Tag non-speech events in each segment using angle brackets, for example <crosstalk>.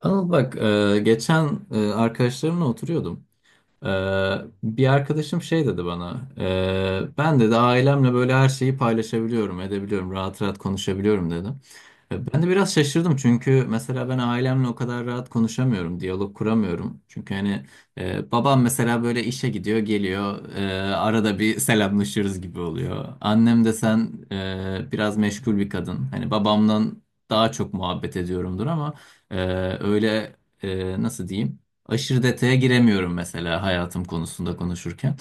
Anıl bak geçen arkadaşlarımla oturuyordum. Ee, Bir arkadaşım şey dedi bana. Ben dedi ailemle böyle her şeyi paylaşabiliyorum, edebiliyorum, rahat rahat konuşabiliyorum dedi. Ben de biraz şaşırdım çünkü mesela ben ailemle o kadar rahat konuşamıyorum, diyalog kuramıyorum. Çünkü hani babam mesela böyle işe gidiyor, geliyor, arada bir selamlaşıyoruz gibi oluyor. Annem de sen biraz meşgul bir kadın. Hani babamdan daha çok muhabbet ediyorumdur ama e, öyle, nasıl diyeyim? Aşırı detaya giremiyorum mesela hayatım konusunda konuşurken.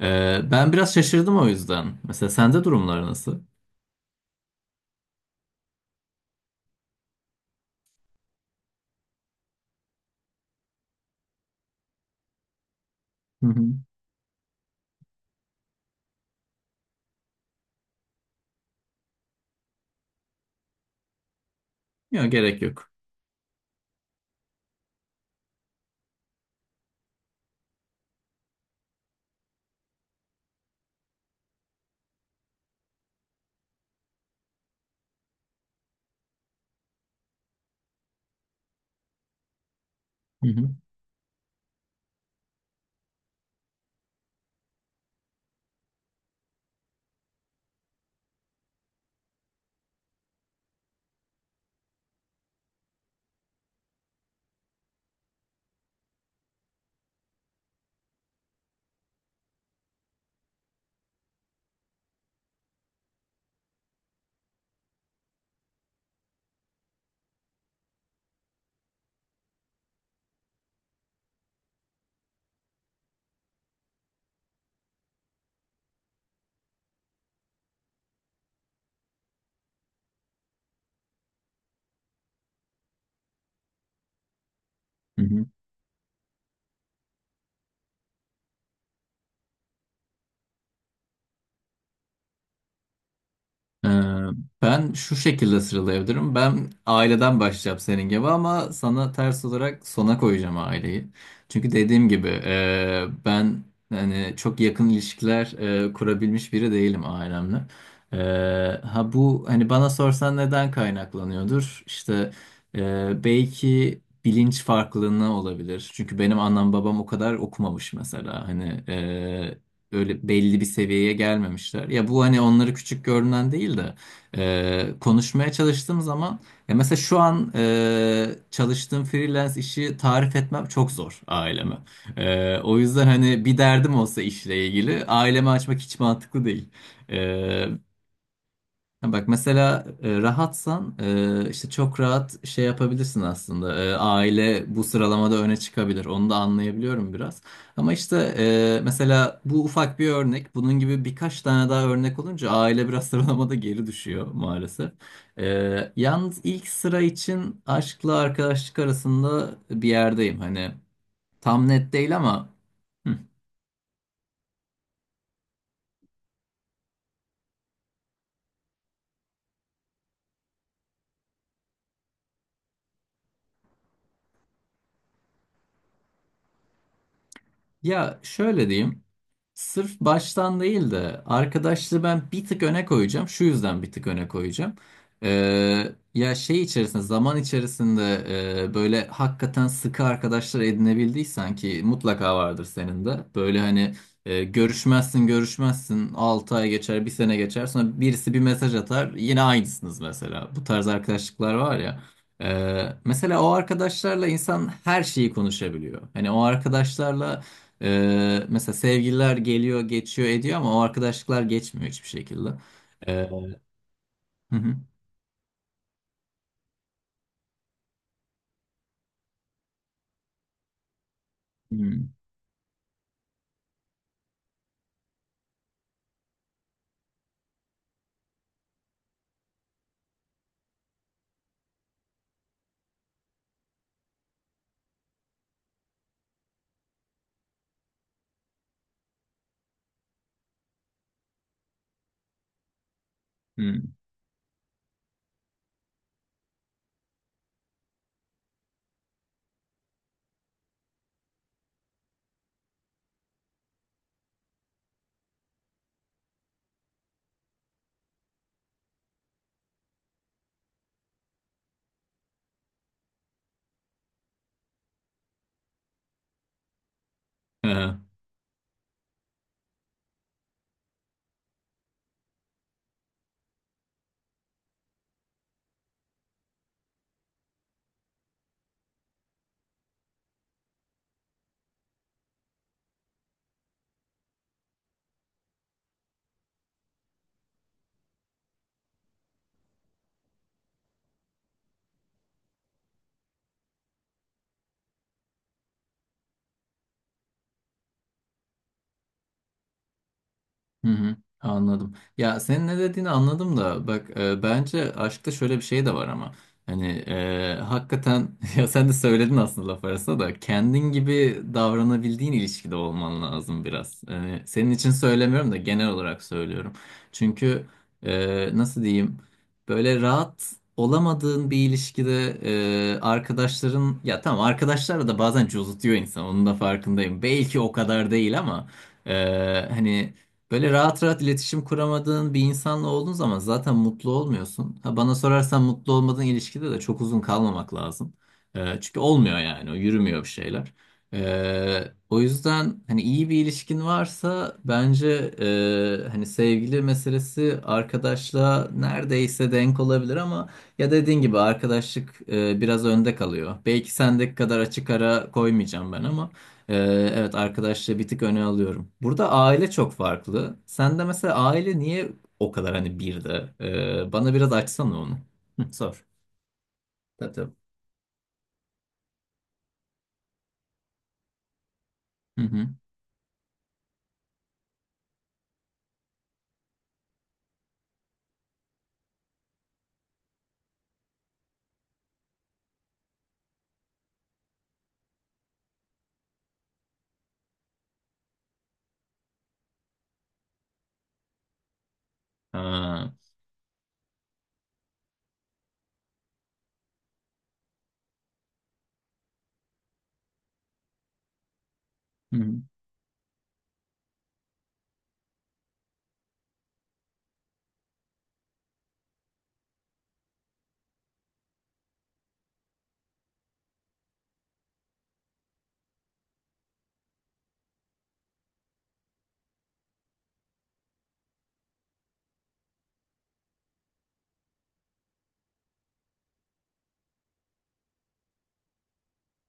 Ben biraz şaşırdım o yüzden. Mesela sende durumlar nasıl? Hı hı. Yok gerek yok. Hı hı. Hı hı. Ee, Ben şu şekilde sıralayabilirim. Ben aileden başlayacağım senin gibi ama sana ters olarak sona koyacağım aileyi. Çünkü dediğim gibi ben hani çok yakın ilişkiler kurabilmiş biri değilim ailemle. E, ha bu hani bana sorsan neden kaynaklanıyordur? İşte belki bilinç farklılığı olabilir. Çünkü benim annem babam o kadar okumamış mesela. Hani öyle belli bir seviyeye gelmemişler. Ya bu hani onları küçük görünen değil de konuşmaya çalıştığım zaman, ya mesela şu an çalıştığım freelance işi tarif etmem çok zor aileme. O yüzden hani bir derdim olsa işle ilgili aileme açmak hiç mantıklı değil. E, Ha bak mesela, rahatsan işte çok rahat şey yapabilirsin aslında. Aile bu sıralamada öne çıkabilir. Onu da anlayabiliyorum biraz. Ama işte mesela bu ufak bir örnek. Bunun gibi birkaç tane daha örnek olunca aile biraz <laughs> sıralamada geri düşüyor maalesef. Yalnız ilk sıra için aşkla arkadaşlık arasında bir yerdeyim. Hani tam net değil ama. Hı. Ya şöyle diyeyim. Sırf baştan değil de arkadaşlığı ben bir tık öne koyacağım. Şu yüzden bir tık öne koyacağım. Ya şey içerisinde, zaman içerisinde böyle hakikaten sıkı arkadaşlar edinebildiysen, ki mutlaka vardır senin de. Böyle hani görüşmezsin görüşmezsin, 6 ay geçer, bir sene geçer, sonra birisi bir mesaj atar, yine aynısınız mesela. Bu tarz arkadaşlıklar var ya. Mesela o arkadaşlarla insan her şeyi konuşabiliyor. Hani o arkadaşlarla mesela sevgililer geliyor, geçiyor, ediyor ama o arkadaşlıklar geçmiyor hiçbir şekilde. Ee, hı hı. Hı hı. Hı hı, anladım. Ya senin ne dediğini anladım da bak, bence aşkta şöyle bir şey de var ama hani, hakikaten <laughs> ya sen de söyledin aslında laf arasında da kendin gibi davranabildiğin ilişkide olman lazım biraz. Yani senin için söylemiyorum da genel olarak söylüyorum. Çünkü, nasıl diyeyim, böyle rahat olamadığın bir ilişkide arkadaşların, ya tamam arkadaşlarla da bazen cozutuyor insan, onun da farkındayım. Belki o kadar değil ama hani böyle rahat rahat iletişim kuramadığın bir insanla olduğun zaman zaten mutlu olmuyorsun. Ha, bana sorarsan mutlu olmadığın ilişkide de çok uzun kalmamak lazım. Çünkü olmuyor yani, o yürümüyor bir şeyler. O yüzden hani iyi bir ilişkin varsa bence hani sevgili meselesi arkadaşla neredeyse denk olabilir ama ya, dediğin gibi arkadaşlık biraz önde kalıyor. Belki sendeki kadar açık ara koymayacağım ben ama. Ee, evet, arkadaşlığı bir tık öne alıyorum. Burada aile çok farklı. Sen de mesela aile niye o kadar hani bir de? Bana biraz açsana onu. Hı, sor. Tabii tabii. Hı hı. Ha, hı hı.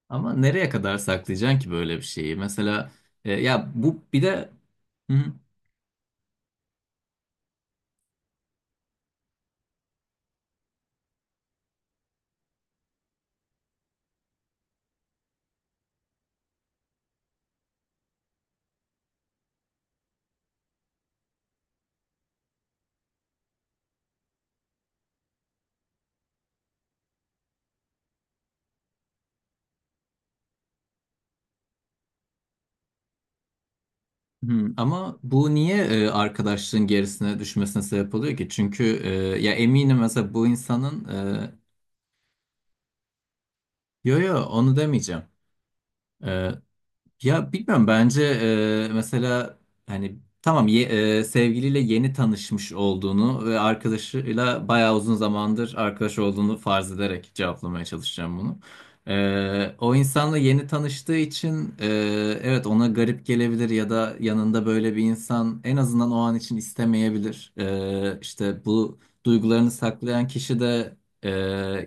Ama nereye kadar saklayacaksın ki böyle bir şeyi? Mesela ya bu bir de. Hı hı. Hı. Ama bu niye arkadaşlığın gerisine düşmesine sebep oluyor ki? Çünkü ya eminim mesela bu insanın e, yo yo onu demeyeceğim. E, Ya bilmiyorum, bence mesela hani tamam sevgiliyle yeni tanışmış olduğunu ve arkadaşıyla bayağı uzun zamandır arkadaş olduğunu farz ederek cevaplamaya çalışacağım bunu. O insanla yeni tanıştığı için evet, ona garip gelebilir ya da yanında böyle bir insan en azından o an için istemeyebilir. İşte bu duygularını saklayan kişi de, e,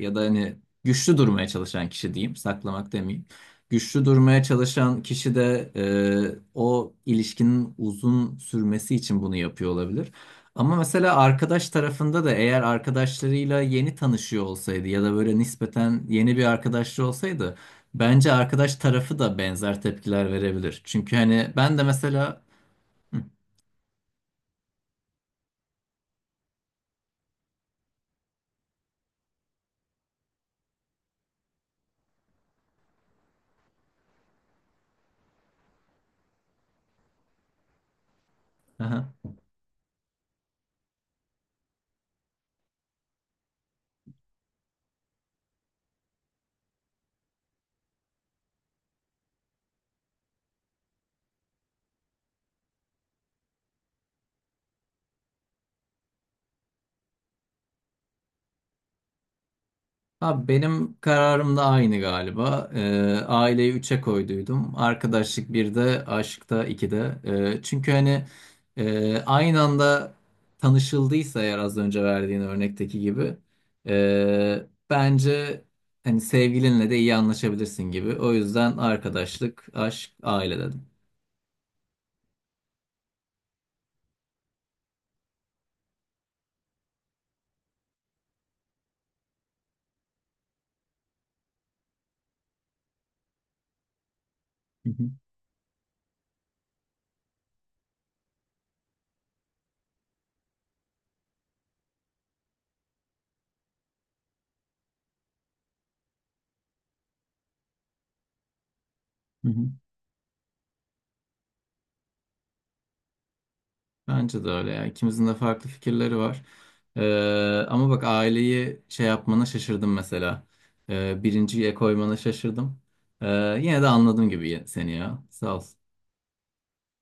ya da hani güçlü durmaya çalışan kişi diyeyim, saklamak demeyeyim, güçlü durmaya çalışan kişi de o ilişkinin uzun sürmesi için bunu yapıyor olabilir. Ama mesela arkadaş tarafında da eğer arkadaşlarıyla yeni tanışıyor olsaydı ya da böyle nispeten yeni bir arkadaşlığı olsaydı bence arkadaş tarafı da benzer tepkiler verebilir. Çünkü hani ben de mesela. Hı, aha. Abi benim kararım da aynı galiba. Aileyi üçe koyduydum. Arkadaşlık birde, aşkta ikide. Çünkü hani, aynı anda tanışıldıysa eğer, az önce verdiğin örnekteki gibi bence hani sevgilinle de iyi anlaşabilirsin gibi. O yüzden arkadaşlık, aşk, aile dedim. Hı hı, hı hı. Bence de öyle ya. İkimizin de farklı fikirleri var. Ama bak, aileyi şey yapmana şaşırdım mesela. Birinciye koymana şaşırdım. Ee, Yine de anladım gibi seni ya. Sağ ol.